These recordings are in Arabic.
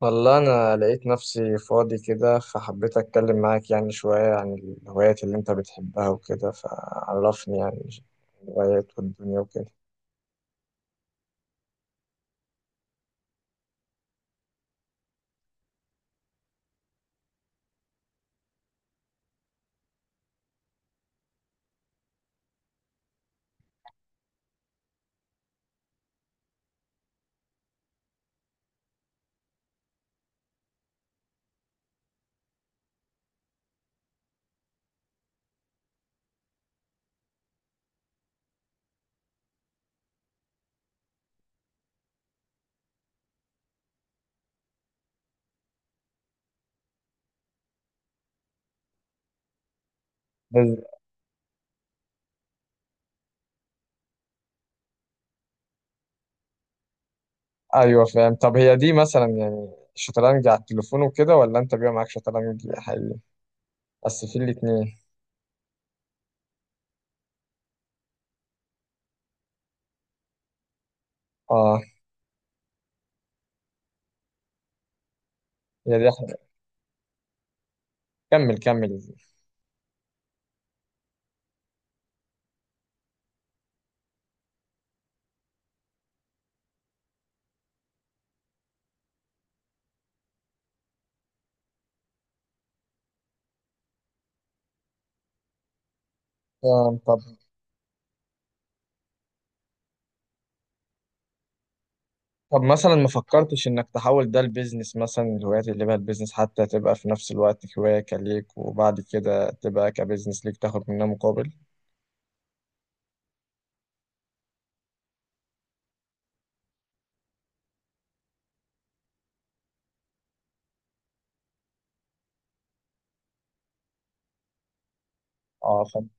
والله أنا لقيت نفسي فاضي كده، فحبيت أتكلم معاك يعني شوية عن الهوايات اللي أنت بتحبها وكده. فعرفني يعني الهوايات والدنيا وكده. بس- أيوة، فاهم. طب هي دي مثلا يعني شطرنج على التليفون وكده، ولا أنت بيبقى معاك شطرنج حقيقي؟ بس في الاتنين. آه، هي دي حقيقة. كمل كمل. طب طب مثلا ما فكرتش إنك تحول ده لبيزنس؟ مثلا الهوايات اللي بقى البيزنس، حتى تبقى في نفس الوقت هواية ليك، وبعد كده تبقى كبيزنس ليك تاخد منها مقابل. اه، فهمت.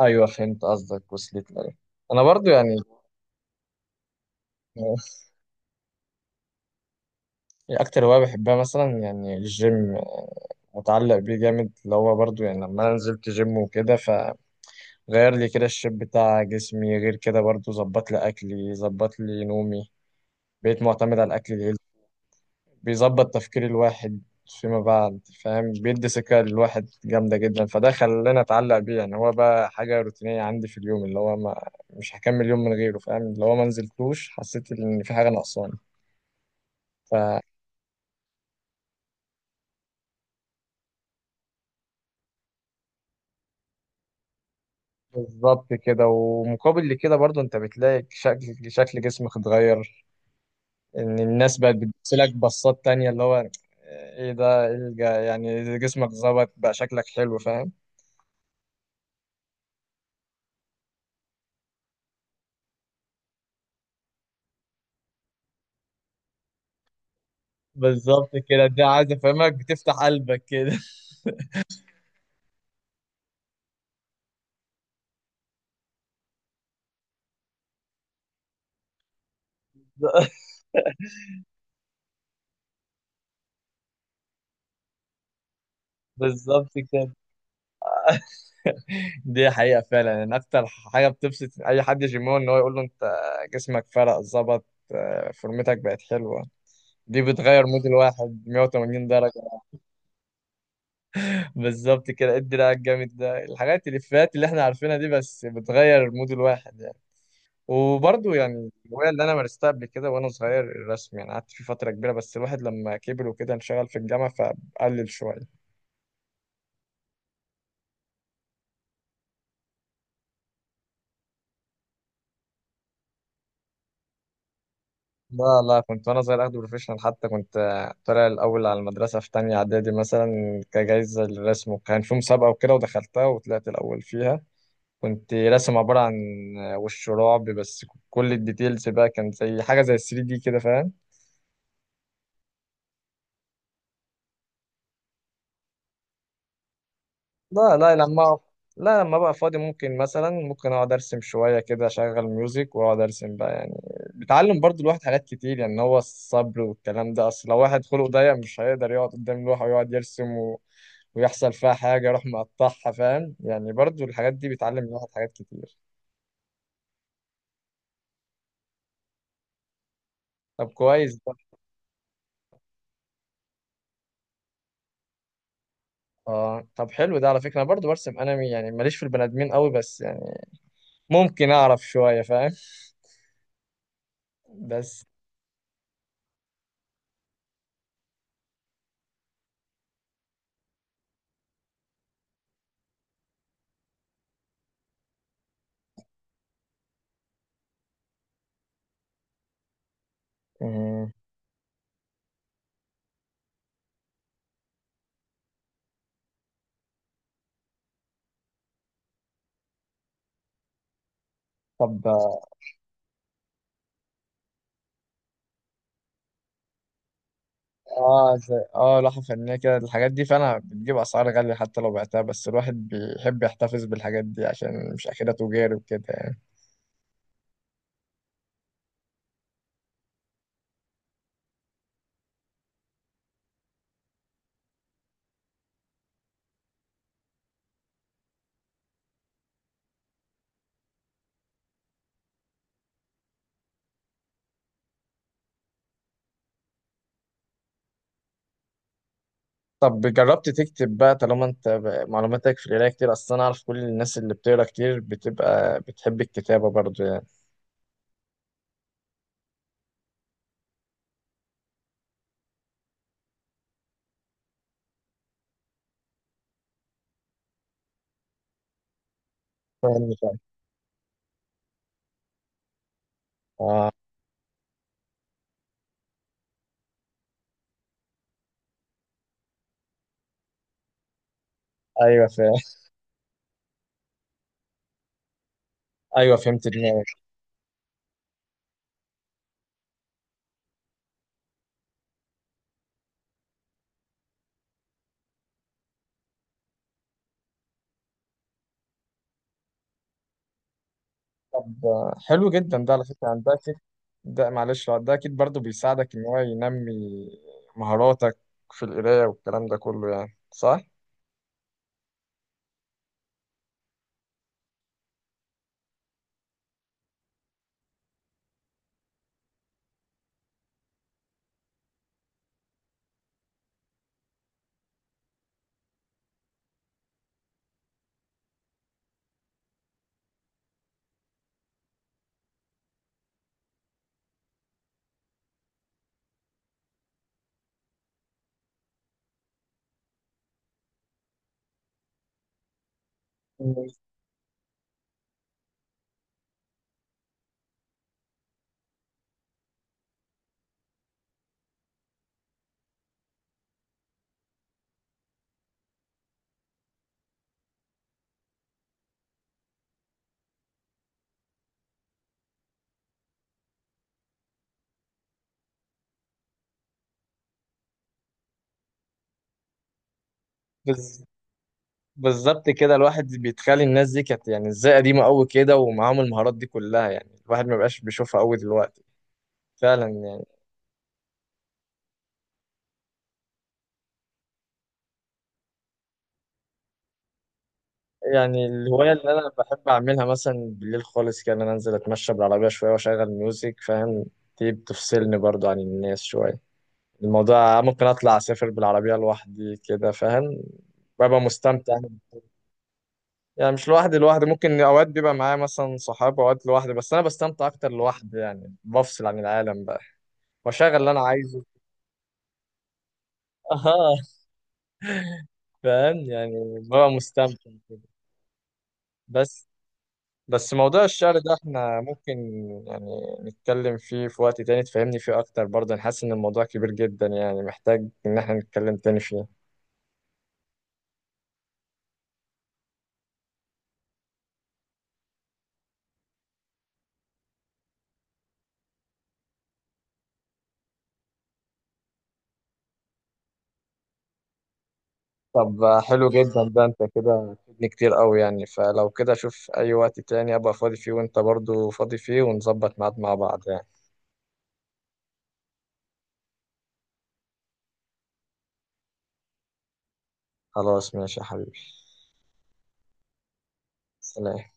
ايوه فهمت قصدك، وصلت لي. انا برضو يعني اكتر هوايه بحبها مثلا يعني الجيم، متعلق بيه جامد، اللي هو برضو يعني لما انا نزلت جيم وكده، فغير لي كده الشيب بتاع جسمي، غير كده برضو ظبط لي اكلي، ظبط لي نومي، بقيت معتمد على الاكل الهيلثي، بيظبط تفكير الواحد فيما بعد. فاهم، بيدي سكة للواحد جامدة جدا، فده خلاني أتعلق بيه، يعني هو بقى حاجة روتينية عندي في اليوم، اللي هو ما مش هكمل يوم من غيره. فاهم، لو ما نزلتوش حسيت إن في حاجة ناقصاني. ف بالظبط كده، ومقابل لكده برضو انت بتلاقي شكل جسمك اتغير، ان الناس بقت بتبصلك بصات تانية، اللي هو ايه ده، ايه يعني جسمك ظبط بقى، شكلك حلو. فاهم، بالظبط كده. ده عايز افهمك بتفتح قلبك كده. بالظبط كده، دي حقيقة فعلا ان اكتر حاجة بتبسط اي حد جيمون ان هو يقول له انت جسمك فرق ظبط، فورمتك بقت حلوة. دي بتغير مود الواحد 180 درجة. بالظبط كده، ادي رأيك جامد ده، الحاجات الإفيهات اللي احنا عارفينها دي بس بتغير مود الواحد يعني. وبرضه يعني الهواية اللي أنا مارستها قبل كده وأنا صغير الرسم، يعني قعدت فيه فترة كبيرة، بس الواحد لما كبر وكده انشغل في الجامعة، فقلل شوية. لا لا، كنت وانا صغير اخده بروفيشنال، حتى كنت طالع الاول على المدرسه في تانية اعدادي، مثلا كجايزه للرسم، وكان في مسابقه وكده، ودخلتها وطلعت الاول فيها. كنت راسم عباره عن وش رعب، بس كل الديتيلز بقى كان زي حاجه زي 3D كده. فاهم، لا لا، لا لما بقى فاضي ممكن، مثلا ممكن اقعد ارسم شويه كده، اشغل ميوزك واقعد ارسم بقى يعني. بتعلم برضو الواحد حاجات كتير، يعني هو الصبر والكلام ده، اصل لو واحد خلقه ضيق مش هيقدر يقعد قدام لوحه ويقعد يرسم، ويحصل فيها حاجة أروح مقطعها. فاهم يعني؟ برضو الحاجات دي بتعلم الواحد حاجات كتير. طب كويس ده. طب حلو ده، على فكرة أنا برضو برسم أنمي، يعني ماليش في البني آدمين قوي، بس يعني ممكن أعرف شوية. فاهم، بس مم. طب زي لوحة فنية كده، الحاجات دي فعلا بتجيب أسعار غالية، حتى لو بعتها، بس الواحد بيحب يحتفظ بالحاجات دي عشان مش آخرها تجاري وكده يعني. طب جربت تكتب بقى؟ طالما انت معلوماتك في القرايه كتير، اصل انا اعرف كل الناس اللي بتقرا كتير بتبقى بتحب الكتابه برضو يعني. فاهم فاهم. آه ايوه فاهم. ايوه فهمت دماغك. طب حلو جدا ده، على فكره يعني ده اكيد. ده معلش، لا، ده اكيد برضو بيساعدك ان هو ينمي مهاراتك في القرايه والكلام ده كله، يعني صح؟ بز... بالظبط كده، الواحد بيتخيل الناس دي كانت يعني ازاي قديمه قوي كده، ومعاهم المهارات دي كلها، يعني الواحد ما بقاش بيشوفها قوي دلوقتي، فعلا يعني. يعني الهواية اللي أنا بحب أعملها مثلا بالليل خالص كده، إن أنا أنزل أتمشى بالعربية شوية وأشغل ميوزك. فاهم، دي بتفصلني برضو عن الناس شوية. الموضوع ممكن أطلع أسافر بالعربية لوحدي كده. فاهم، ببقى مستمتع. يعني مش لوحدي لوحدي، ممكن أوقات بيبقى معايا مثلا صحاب، أوقات لوحدي، بس أنا بستمتع أكتر لوحدي يعني، بفصل عن العالم بقى وأشغل اللي أنا عايزه. أها. فاهم يعني؟ ببقى مستمتع كده. بس بس موضوع الشعر ده احنا ممكن يعني نتكلم فيه في وقت تاني، تفهمني فيه اكتر. برضه انا حاسس ان الموضوع كبير جدا يعني، محتاج ان احنا نتكلم تاني فيه. طب حلو جدا ده، انت كده فدني كتير قوي يعني. فلو كده، شوف اي وقت تاني ابقى فاضي فيه وانت برضه فاضي فيه، ونظبط ميعاد مع بعض يعني. خلاص ماشي يا حبيبي. سلام.